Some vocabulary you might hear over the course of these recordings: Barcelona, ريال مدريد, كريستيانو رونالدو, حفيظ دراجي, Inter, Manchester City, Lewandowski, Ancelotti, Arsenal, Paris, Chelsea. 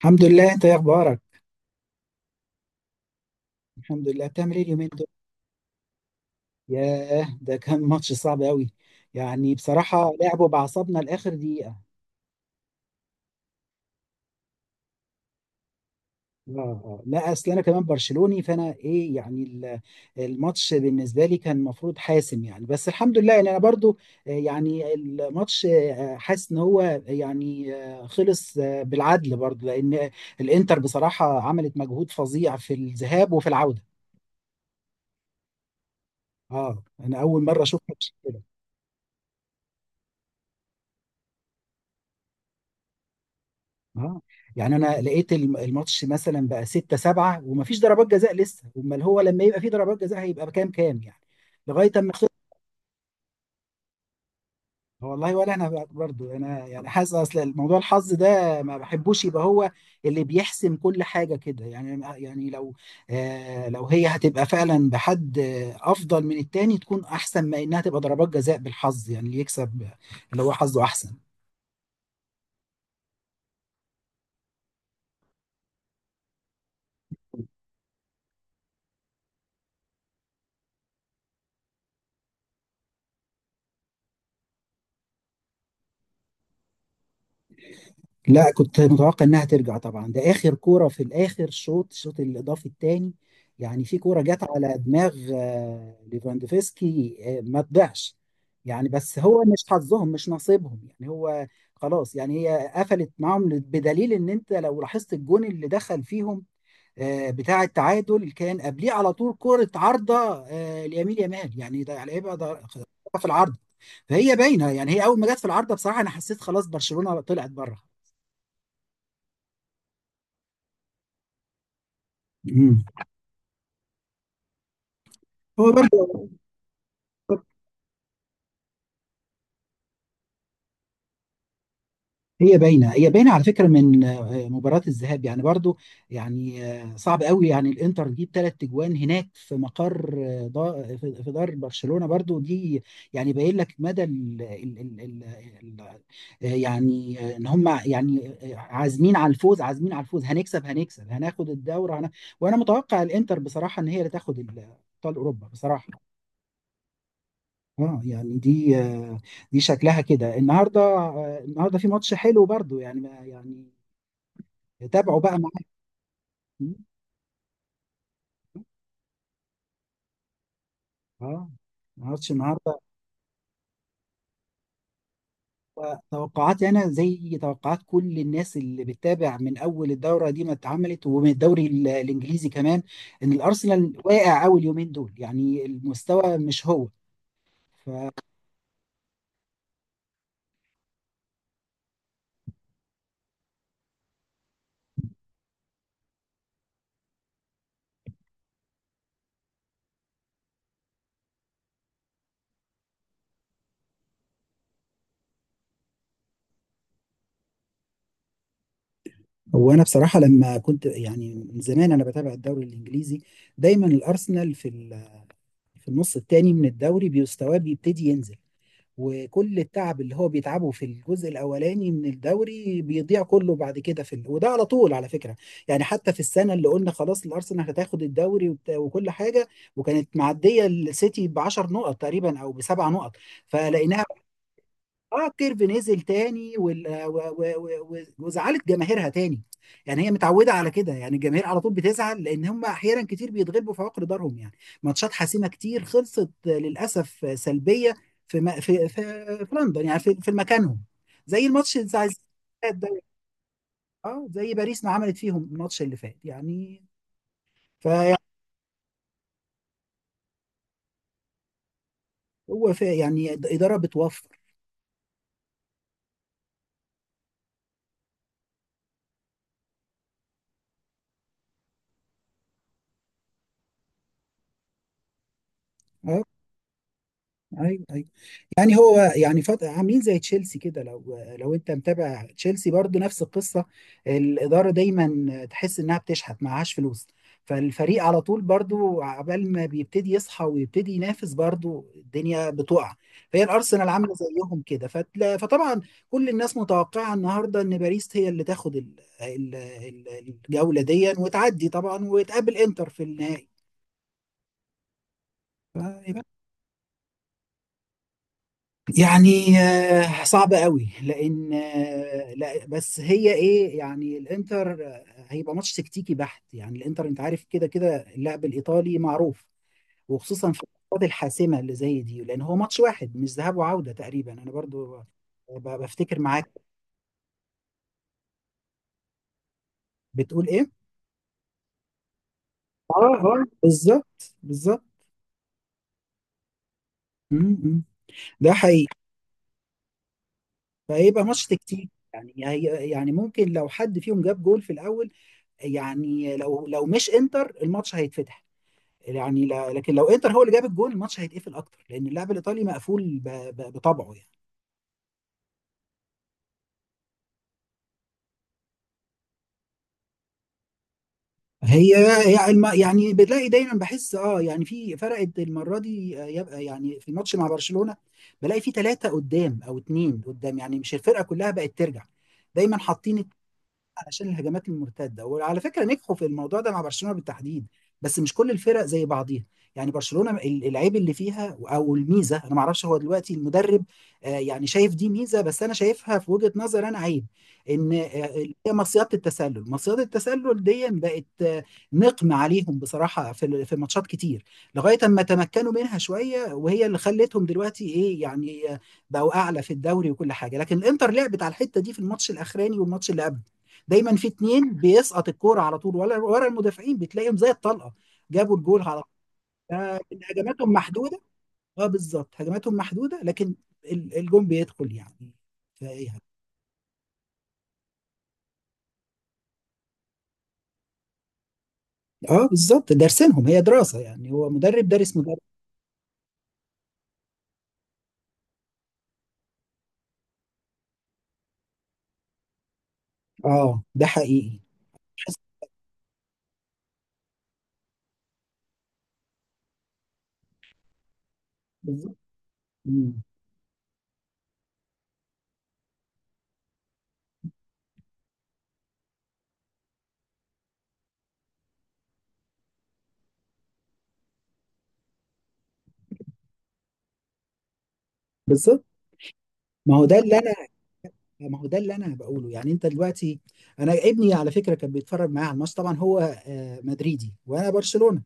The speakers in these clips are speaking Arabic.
الحمد لله. انت ايه اخبارك؟ الحمد لله. بتعمل ايه اليومين دول؟ ياه، ده كان ماتش صعب قوي. يعني بصراحه لعبوا بعصبنا لاخر دقيقه. اه، آه. لا، اصل انا كمان برشلوني، فانا ايه يعني الماتش بالنسبه لي كان المفروض حاسم يعني، بس الحمد لله يعني انا برضو يعني الماتش حاسس ان هو، يعني خلص بالعدل برضو، لان الانتر بصراحه عملت مجهود فظيع في الذهاب وفي العوده. اه، انا اول مره اشوف ماتش كده. اه، يعني انا لقيت الماتش مثلا بقى 6-7 ومفيش ضربات جزاء لسه، امال هو لما يبقى في ضربات جزاء هيبقى بكام كام يعني، لغايه اما خلص. والله، ولا انا برضو انا يعني حاسس، اصل الموضوع الحظ ده ما بحبوش يبقى هو اللي بيحسم كل حاجه كده يعني. يعني لو آه، لو هي هتبقى فعلا بحد افضل من التاني، تكون احسن ما انها تبقى ضربات جزاء بالحظ، يعني اللي يكسب اللي هو حظه احسن. لا، كنت متوقع انها ترجع طبعا، ده اخر كوره في الاخر، شوط الشوط الاضافي الثاني. يعني في كوره جت على دماغ ليفاندوفسكي ما تضيعش. يعني بس هو مش حظهم، مش نصيبهم يعني، هو خلاص يعني هي قفلت معاهم، بدليل ان انت لو لاحظت الجون اللي دخل فيهم بتاع التعادل كان قبليه على طول كوره عارضه ليمين يامال، يعني ده على ايه بقى ده، في العارضه. فهي باينه، يعني هي اول ما جت في العارضه بصراحه انا حسيت خلاص برشلونه طلعت بره. هو برضه هي باينه، هي باينه على فكره من مباراه الذهاب يعني برضه. يعني صعب قوي، يعني الانتر تجيب 3 تجوان هناك في مقر، في دار برشلونه برضه دي، يعني باين لك مدى ال ال ال ال ال يعني ان هم يعني عازمين على الفوز، عازمين على الفوز، هنكسب هنكسب هناخد الدوري وانا متوقع الانتر بصراحه ان هي اللي تاخد ابطال اوروبا بصراحه. اه، يعني دي دي شكلها كده النهارده النهارده في ماتش حلو برضو يعني يعني تابعوا بقى معاك. اه، ماتش النهارده. توقعاتي انا زي توقعات كل الناس اللي بتتابع من اول الدوره دي ما اتعملت، ومن الدوري الانجليزي كمان، ان الارسنال واقع اول يومين دول، يعني المستوى مش هو. ف... وانا بصراحه لما كنت يعني من زمان انا بتابع الدوري الانجليزي، دايما الارسنال في في النص التاني من الدوري مستواه بيبتدي ينزل، وكل التعب اللي هو بيتعبه في الجزء الاولاني من الدوري بيضيع كله بعد كده في وده على طول على فكره. يعني حتى في السنه اللي قلنا خلاص الارسنال هتاخد الدوري وكل حاجه، وكانت معديه السيتي ب 10 نقط تقريبا او ب7 نقط، فلقيناها، اه الكيرف نزل تاني وال... و... و... و... و- وزعلت جماهيرها تاني. يعني هي متعوده على كده يعني، الجماهير على طول بتزعل لان هم احيانا كتير بيتغلبوا في عقر دارهم يعني، ماتشات حاسمه كتير خلصت للاسف سلبيه في م... في... في في لندن يعني، في مكانهم. زي الماتش بتاع ده، اه زي باريس ما عملت فيهم الماتش اللي فات يعني، فهو يعني اداره بتوفر. اه، ايوه ايوه. يعني هو يعني عاملين زي تشيلسي كده، لو لو انت متابع تشيلسي برضو نفس القصه، الاداره دايما تحس انها بتشحت معهاش فلوس، فالفريق على طول برضو عقبال ما بيبتدي يصحى ويبتدي ينافس برضو الدنيا بتقع. فهي الارسنال عامله زيهم كده فطبعا كل الناس متوقعه النهارده ان باريس هي اللي تاخد ال... ال- الجوله دي، وتعدي طبعا وتقابل انتر في النهائي. يعني صعبة قوي، لأن لا بس هي إيه، يعني الإنتر هيبقى ماتش تكتيكي بحت، يعني الإنتر أنت عارف كده كده، اللاعب الإيطالي معروف، وخصوصا في الماتشات الحاسمة اللي زي دي، لأن هو ماتش واحد مش ذهاب وعودة. تقريبا أنا برضو بفتكر معاك. بتقول إيه؟ اه، اه بالظبط بالظبط. م- م. ده حقيقي. فهيبقى ماتش تكتيكي. يعني يعني ممكن لو حد فيهم جاب جول في الأول، يعني لو لو مش إنتر الماتش هيتفتح، يعني لا، لكن لو انتر هو اللي جاب الجون الماتش هيتقفل اكتر، لان اللاعب الايطالي مقفول بطبعه يعني. يعني بتلاقي دايما بحس، اه يعني في فرقت المره دي يبقى يعني في الماتش مع برشلونه بلاقي في 3 قدام او 2 قدام، يعني مش الفرقه كلها بقت ترجع، دايما حاطين علشان الهجمات المرتده، وعلى فكره نجحوا في الموضوع ده مع برشلونه بالتحديد. بس مش كل الفرق زي بعضيها يعني. برشلونه العيب اللي فيها او الميزه انا ما اعرفش، هو دلوقتي المدرب يعني شايف دي ميزه، بس انا شايفها في وجهه نظر انا عيب، ان اللي هي مصيده التسلل، مصيده التسلل دي بقت نقم عليهم بصراحه في في ماتشات كتير، لغايه اما تمكنوا منها شويه، وهي اللي خلتهم دلوقتي ايه يعني بقوا اعلى في الدوري وكل حاجه. لكن الانتر لعبت على الحته دي في الماتش الاخراني والماتش اللي قبل، دايما في 2 بيسقط الكوره على طول ورا، ورا المدافعين بتلاقيهم زي الطلقه، جابوا الجول على طول. آه، هجماتهم محدوده. اه بالظبط هجماتهم محدوده، لكن الجون بيدخل يعني، فايه اه بالظبط دارسينهم، هي دراسه يعني، هو مدرب دارس مدرب. اه ده حقيقي. حس- بالظبط. مم. بالظبط. ما هو ده اللي انا، ما هو ده اللي انا بقوله يعني، انت دلوقتي انا ابني على فكره كان بيتفرج معايا على الماتش طبعا، هو مدريدي وانا برشلونه،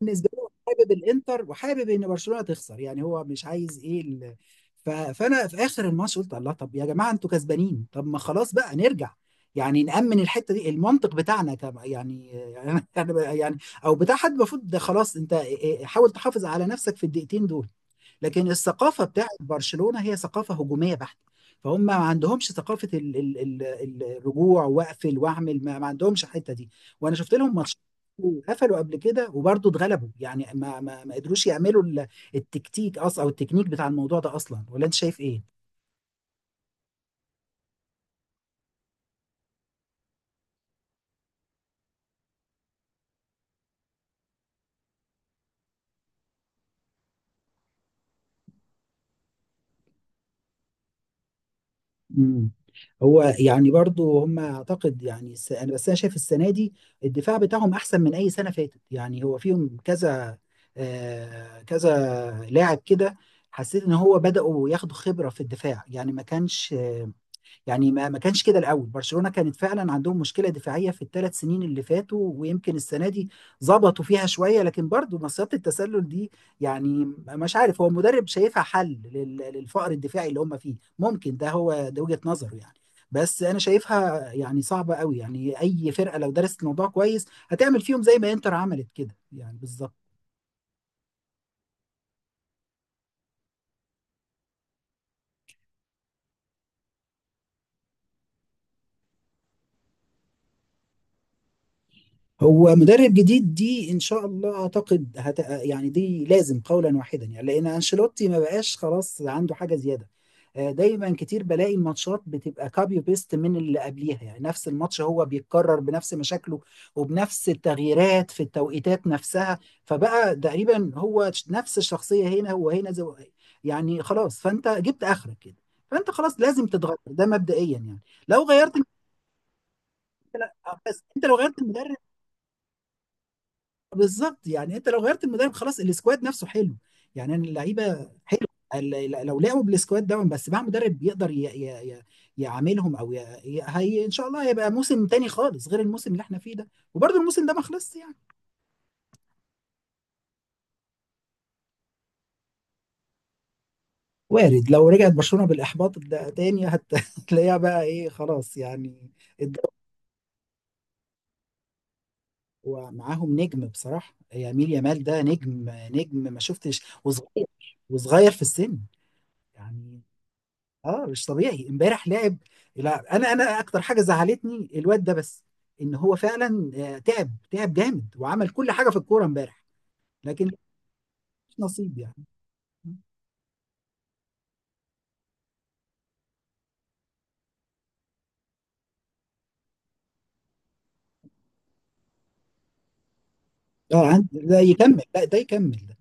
بالنسبه له حابب الانتر وحابب ان برشلونه تخسر، يعني هو مش عايز ايه فانا في اخر الماتش قلت الله، طب يا جماعه انتوا كسبانين، طب ما خلاص بقى نرجع، يعني نأمن الحته دي المنطق بتاعنا، طب يعني يعني او بتاع حد المفروض، ده خلاص انت إيه- إيه، حاول تحافظ على نفسك في الدقيقتين دول. لكن الثقافه بتاعت برشلونه هي ثقافه هجوميه بحته، فهم ما عندهمش ثقافه ال ال ال الرجوع واقفل واعمل، ما عندهمش الحته دي. وانا شفت لهم ماتش قفلوا قبل كده وبرضه اتغلبوا، يعني ما قدروش يعملوا التكتيك اصلا او التكنيك بتاع الموضوع ده اصلا، ولا انت شايف ايه؟ مم. هو يعني برضو هم اعتقد يعني انا بس انا شايف السنه دي الدفاع بتاعهم احسن من اي سنه فاتت، يعني هو فيهم كذا كذا لاعب كده، حسيت ان هو بداوا ياخدوا خبره في الدفاع، يعني ما كانش، يعني ما كانش كده الاول. برشلونه كانت فعلا عندهم مشكله دفاعيه في ال3 سنين اللي فاتوا، ويمكن السنه دي ظبطوا فيها شويه. لكن برضو مصيده التسلل دي، يعني مش عارف هو المدرب شايفها حل للفقر الدفاعي اللي هم فيه، ممكن ده هو ده وجهه نظره يعني. بس انا شايفها يعني صعبه قوي، يعني اي فرقه لو درست الموضوع كويس هتعمل فيهم زي ما انتر عملت كده، يعني بالظبط. هو مدرب جديد دي ان شاء الله، اعتقد يعني دي لازم قولا واحدا يعني، لان انشيلوتي ما بقاش خلاص عنده حاجه زياده. دايما كتير بلاقي الماتشات بتبقى كابي بيست من اللي قبليها، يعني نفس الماتش هو بيتكرر بنفس مشاكله وبنفس التغييرات في التوقيتات نفسها، فبقى تقريبا هو نفس الشخصيه هنا وهنا يعني خلاص، فانت جبت اخرك كده، فانت خلاص لازم تتغير ده مبدئيا يعني. لو غيرت، بس انت لو غيرت المدرب، بالظبط، يعني انت لو غيرت المدرب خلاص، السكواد نفسه حلو، يعني أنا اللعيبه حلو، لو لعبوا بالسكواد ده بس مع مدرب يقدر يعاملهم او هي ان شاء الله هيبقى موسم تاني خالص غير الموسم اللي احنا فيه ده، وبرضه الموسم ده ما خلصش يعني. وارد، لو رجعت برشلونه بالاحباط ده تاني هتلاقيها بقى ايه خلاص يعني الدوري. ومعاهم نجم بصراحه يمين يامال، ده نجم نجم، ما شفتش، وصغير، وصغير في السن يعني. اه مش طبيعي، امبارح لعب. لا انا، اكتر حاجه زعلتني الواد ده، بس ان هو فعلا تعب، تعب جامد، وعمل كل حاجه في الكوره امبارح، لكن مش نصيب يعني. اه ده يكمل، لا ده يكمل ده.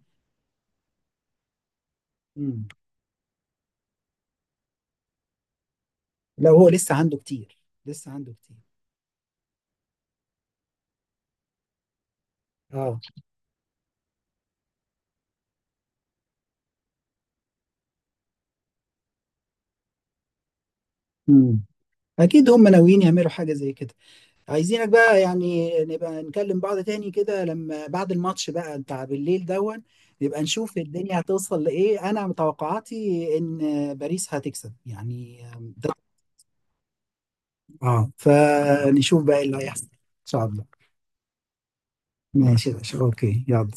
مم. لا هو لسه عنده كتير، لسه عنده كتير. اه، مم. اكيد هم ناويين يعملوا حاجه زي كده. عايزينك بقى يعني نبقى نكلم بعض تاني كده لما بعد الماتش بقى بتاع بالليل دون، نبقى نشوف الدنيا هتوصل لإيه. أنا متوقعاتي إن باريس هتكسب يعني ده، آه فنشوف بقى إيه اللي هيحصل إن شاء الله. ماشي ماشي، أوكي يلا.